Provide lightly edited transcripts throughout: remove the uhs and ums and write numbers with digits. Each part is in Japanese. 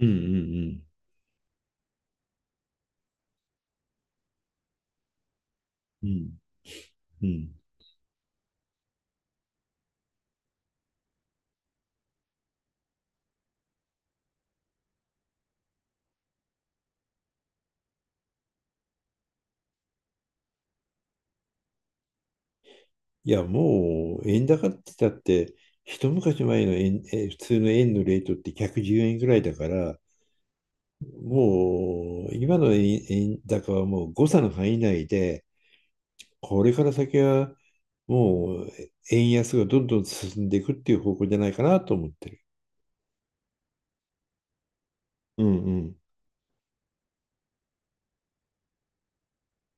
うんうんうんうんうん。いや、もう円高って言ったって、一昔前の円、普通の円のレートって110円ぐらいだから、もう今の円、円高はもう誤差の範囲内で、これから先はもう円安がどんどん進んでいくっていう方向じゃないかなと思ってる。うんうん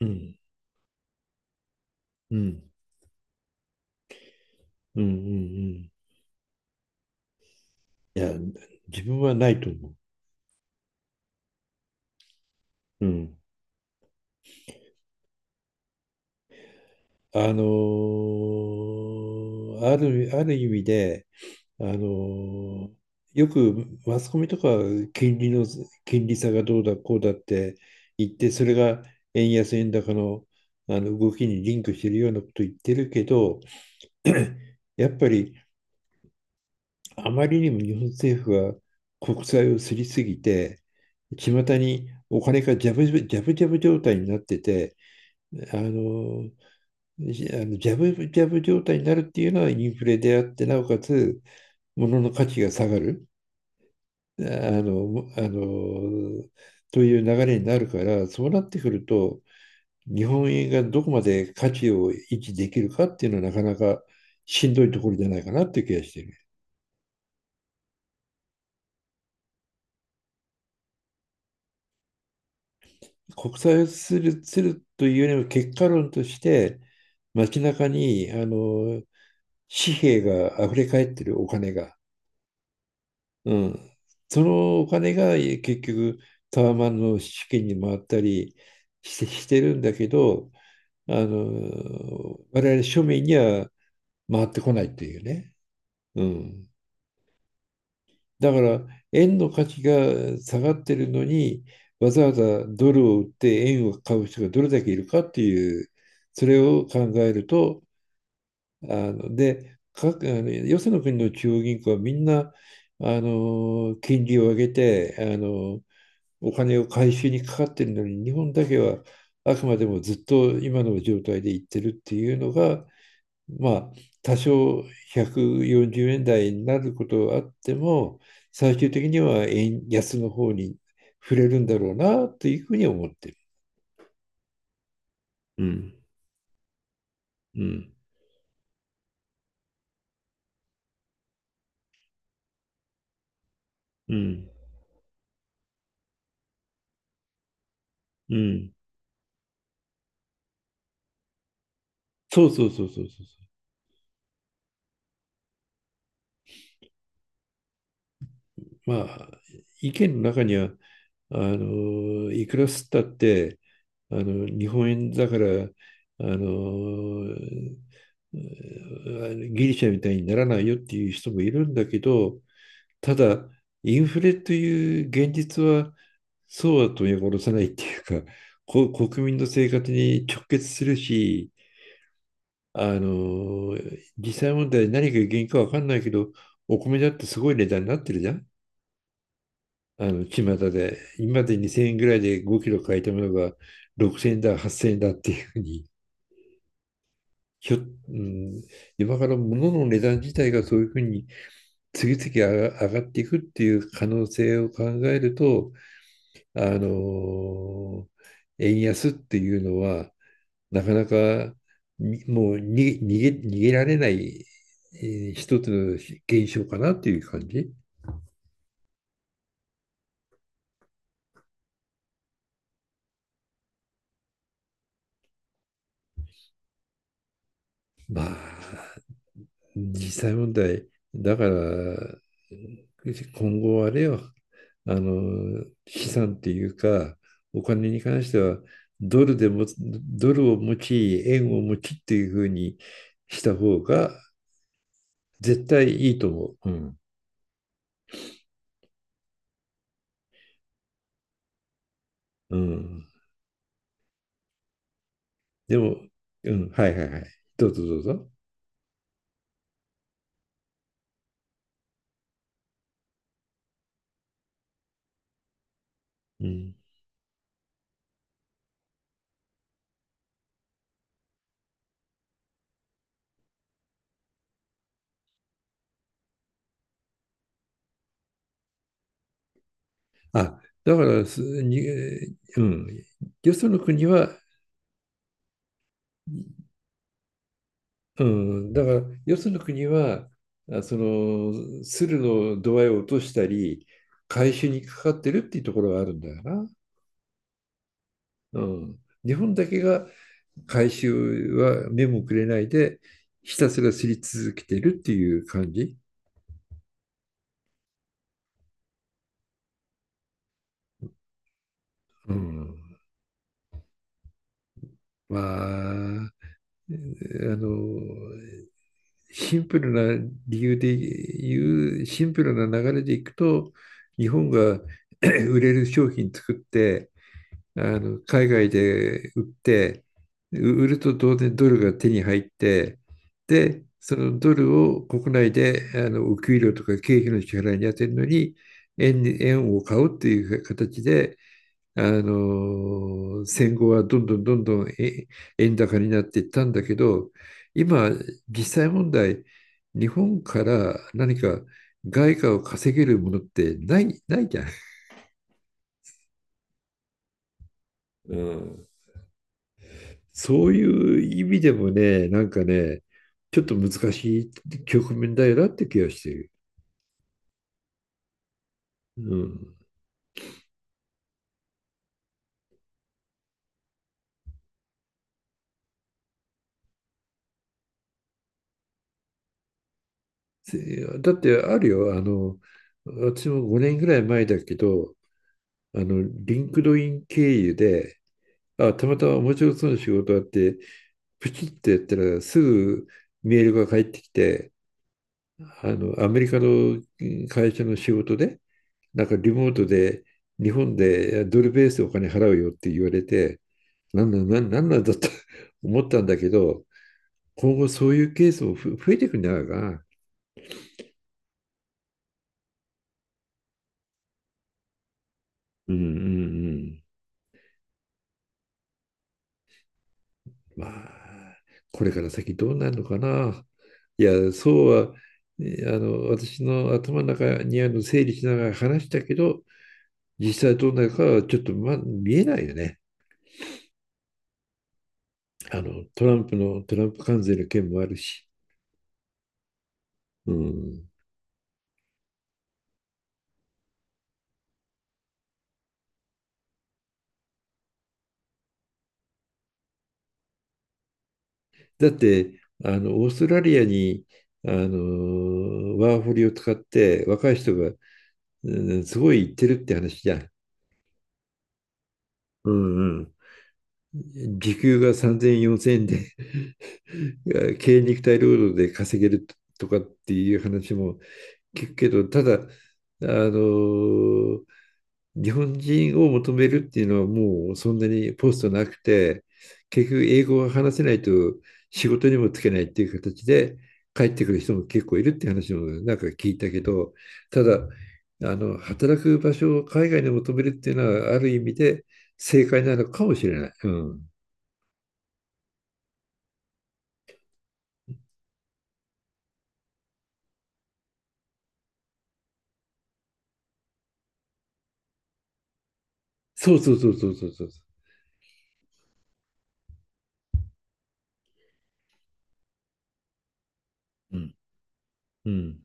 うんうんうんうんうん。いや、自分はないと思う。うん。ある意味で、あのよくマスコミとかは金利の金利差がどうだこうだって言って、それが円安円高の、動きにリンクしてるようなこと言ってるけど、 やっぱりあまりにも日本政府は国債をすりすぎて、巷にお金がジャブジャブジャブジャブ状態になってて、あのじあのジャブジャブ状態になるっていうのはインフレであって、なおかつ物の価値が下がる。あの、あの、という流れになるから、そうなってくると、日本円がどこまで価値を維持できるかっていうのはなかなかしんどいところじゃないかなっていう気がしている。国際をするというよりも結果論として、街中に、紙幣が溢れ返ってる、お金が。うん。そのお金が結局タワマンの資金に回ったりしてるんだけど、我々庶民には回ってこないっていうね。うん。だから、円の価値が下がってるのに、わざわざドルを売って円を買う人がどれだけいるかっていう、それを考えると、あの、で、各、あの、よその国の中央銀行はみんな、金利を上げて、お金を回収にかかってるのに、日本だけはあくまでもずっと今の状態でいってるっていうのが、まあ、多少140円台になることはあっても、最終的には円安の方に触れるんだろうなというふうに思ってる。うん、うん、うん、うん。そうそうそうそうそうそう。まあ、意見の中には、いくら吸ったって、日本円だから、あの、うんギリシャみたいにならないよっていう人もいるんだけど、ただ、インフレという現実はそうは取り戻さないっていうか、国民の生活に直結するし、あの、実際問題何が原因かわかんないけど、お米だってすごい値段になってるじゃん。巷で。今まで2000円ぐらいで5キロ買えたものが6000円だ、8000円だっていうふうに。ひょ、うん、今から物の値段自体がそういうふうに次々上がっていくっていう可能性を考えると、あの、円安っていうのは、なかなかにもうに逃げられない、一つの現象かなっていう感じ。まあ、実際問題、だから、今後あれよ、資産っていうか、お金に関しては、ドルを持ち、円を持ちっていうふうにした方が絶対いいと思う。うん。うん。でも、うん、はいはいはい。どうぞどうぞ。うん。あ、だからす、に、うん、よその国は、うん、だから、よその国は、鶴の度合いを落としたり、回収にかかってるっていうところはあるんだよな。うん。日本だけが回収は目もくれないで、ひたすらすり続けてるっていう感じ。うん。まあ、の、シンプルシンプルな流れでいくと、日本が 売れる商品作って、海外で売って、売ると当然ドルが手に入って、で、そのドルを国内でお給料とか経費の支払いに充てるのに、円を買うっていう形で、戦後はどんどんどんどん円高になっていったんだけど、今、実際問題、日本から何か外貨を稼げるものってないじゃん。うん。そういう意味でもね、なんかね、ちょっと難しい局面だよなって気がしてる。うん。だってあるよ、私も5年ぐらい前だけど、リンクドイン経由で、あ、たまたま面白そうな仕事あって、プチッとやったらすぐメールが返ってきて、アメリカの会社の仕事で、なんかリモートで日本でドルベースでお金払うよって言われて、なんだと 思ったんだけど、今後そういうケースも増えてくんじゃないかな。うんうんうん。まあ、これから先どうなるのかな。いや、そうは、あの、私の頭の中にある整理しながら話したけど、実際どうなるかはちょっと、ま、見えないよね。トランプ関税の件もあるし。うん、だって、オーストラリアに、ワーホリを使って若い人が、うんすごい行ってるって話じゃん。うんうん。時給が3000円、4000円で 軽肉体労働で稼げるとかっていう話も聞くけど、ただ、あの、日本人を求めるっていうのはもうそんなにポストなくて、結局英語が話せないと仕事にもつけないっていう形で帰ってくる人も結構いるって話もなんか聞いたけど、ただ、働く場所を海外に求めるっていうのはある意味で正解なのかもしれない。うん。そうそうそうそうそうそう。うん。うん。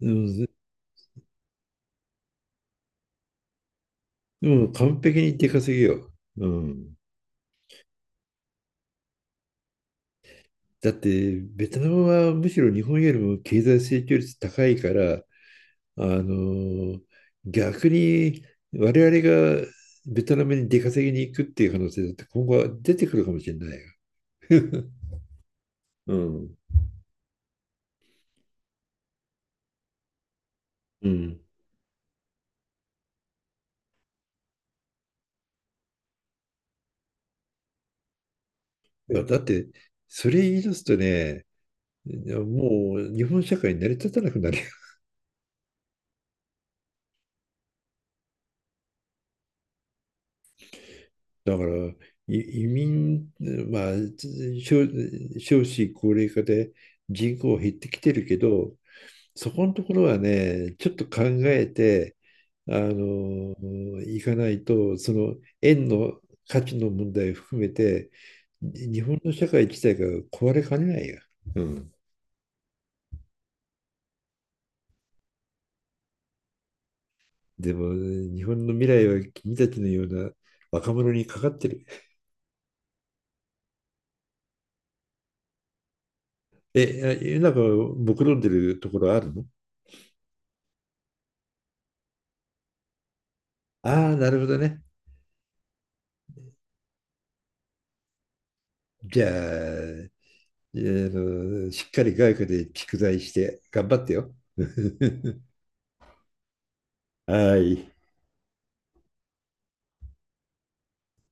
うん。でも完璧に出稼ぎよ。うん。だって、ベトナムはむしろ日本よりも経済成長率高いから、あのー逆に我々がベトナムに出稼ぎに行くっていう可能性だって今後は出てくるかもしれないよ。うん。うん。いやだって、それ言い出すとね、もう日本社会に成り立たなくなる。だから、移民、まあ、少少子高齢化で人口減ってきてるけど、そこのところはね、ちょっと考えて、あの、いかないと、その円の価値の問題を含めて、日本の社会自体が壊れかねないよ。うん。でも、日本の未来は君たちのような若者にかかってる。え、なんか、目論んでるところあるの？ああー、なるほどね。じゃあ、しっかり外科で蓄財して頑張ってよ。はい。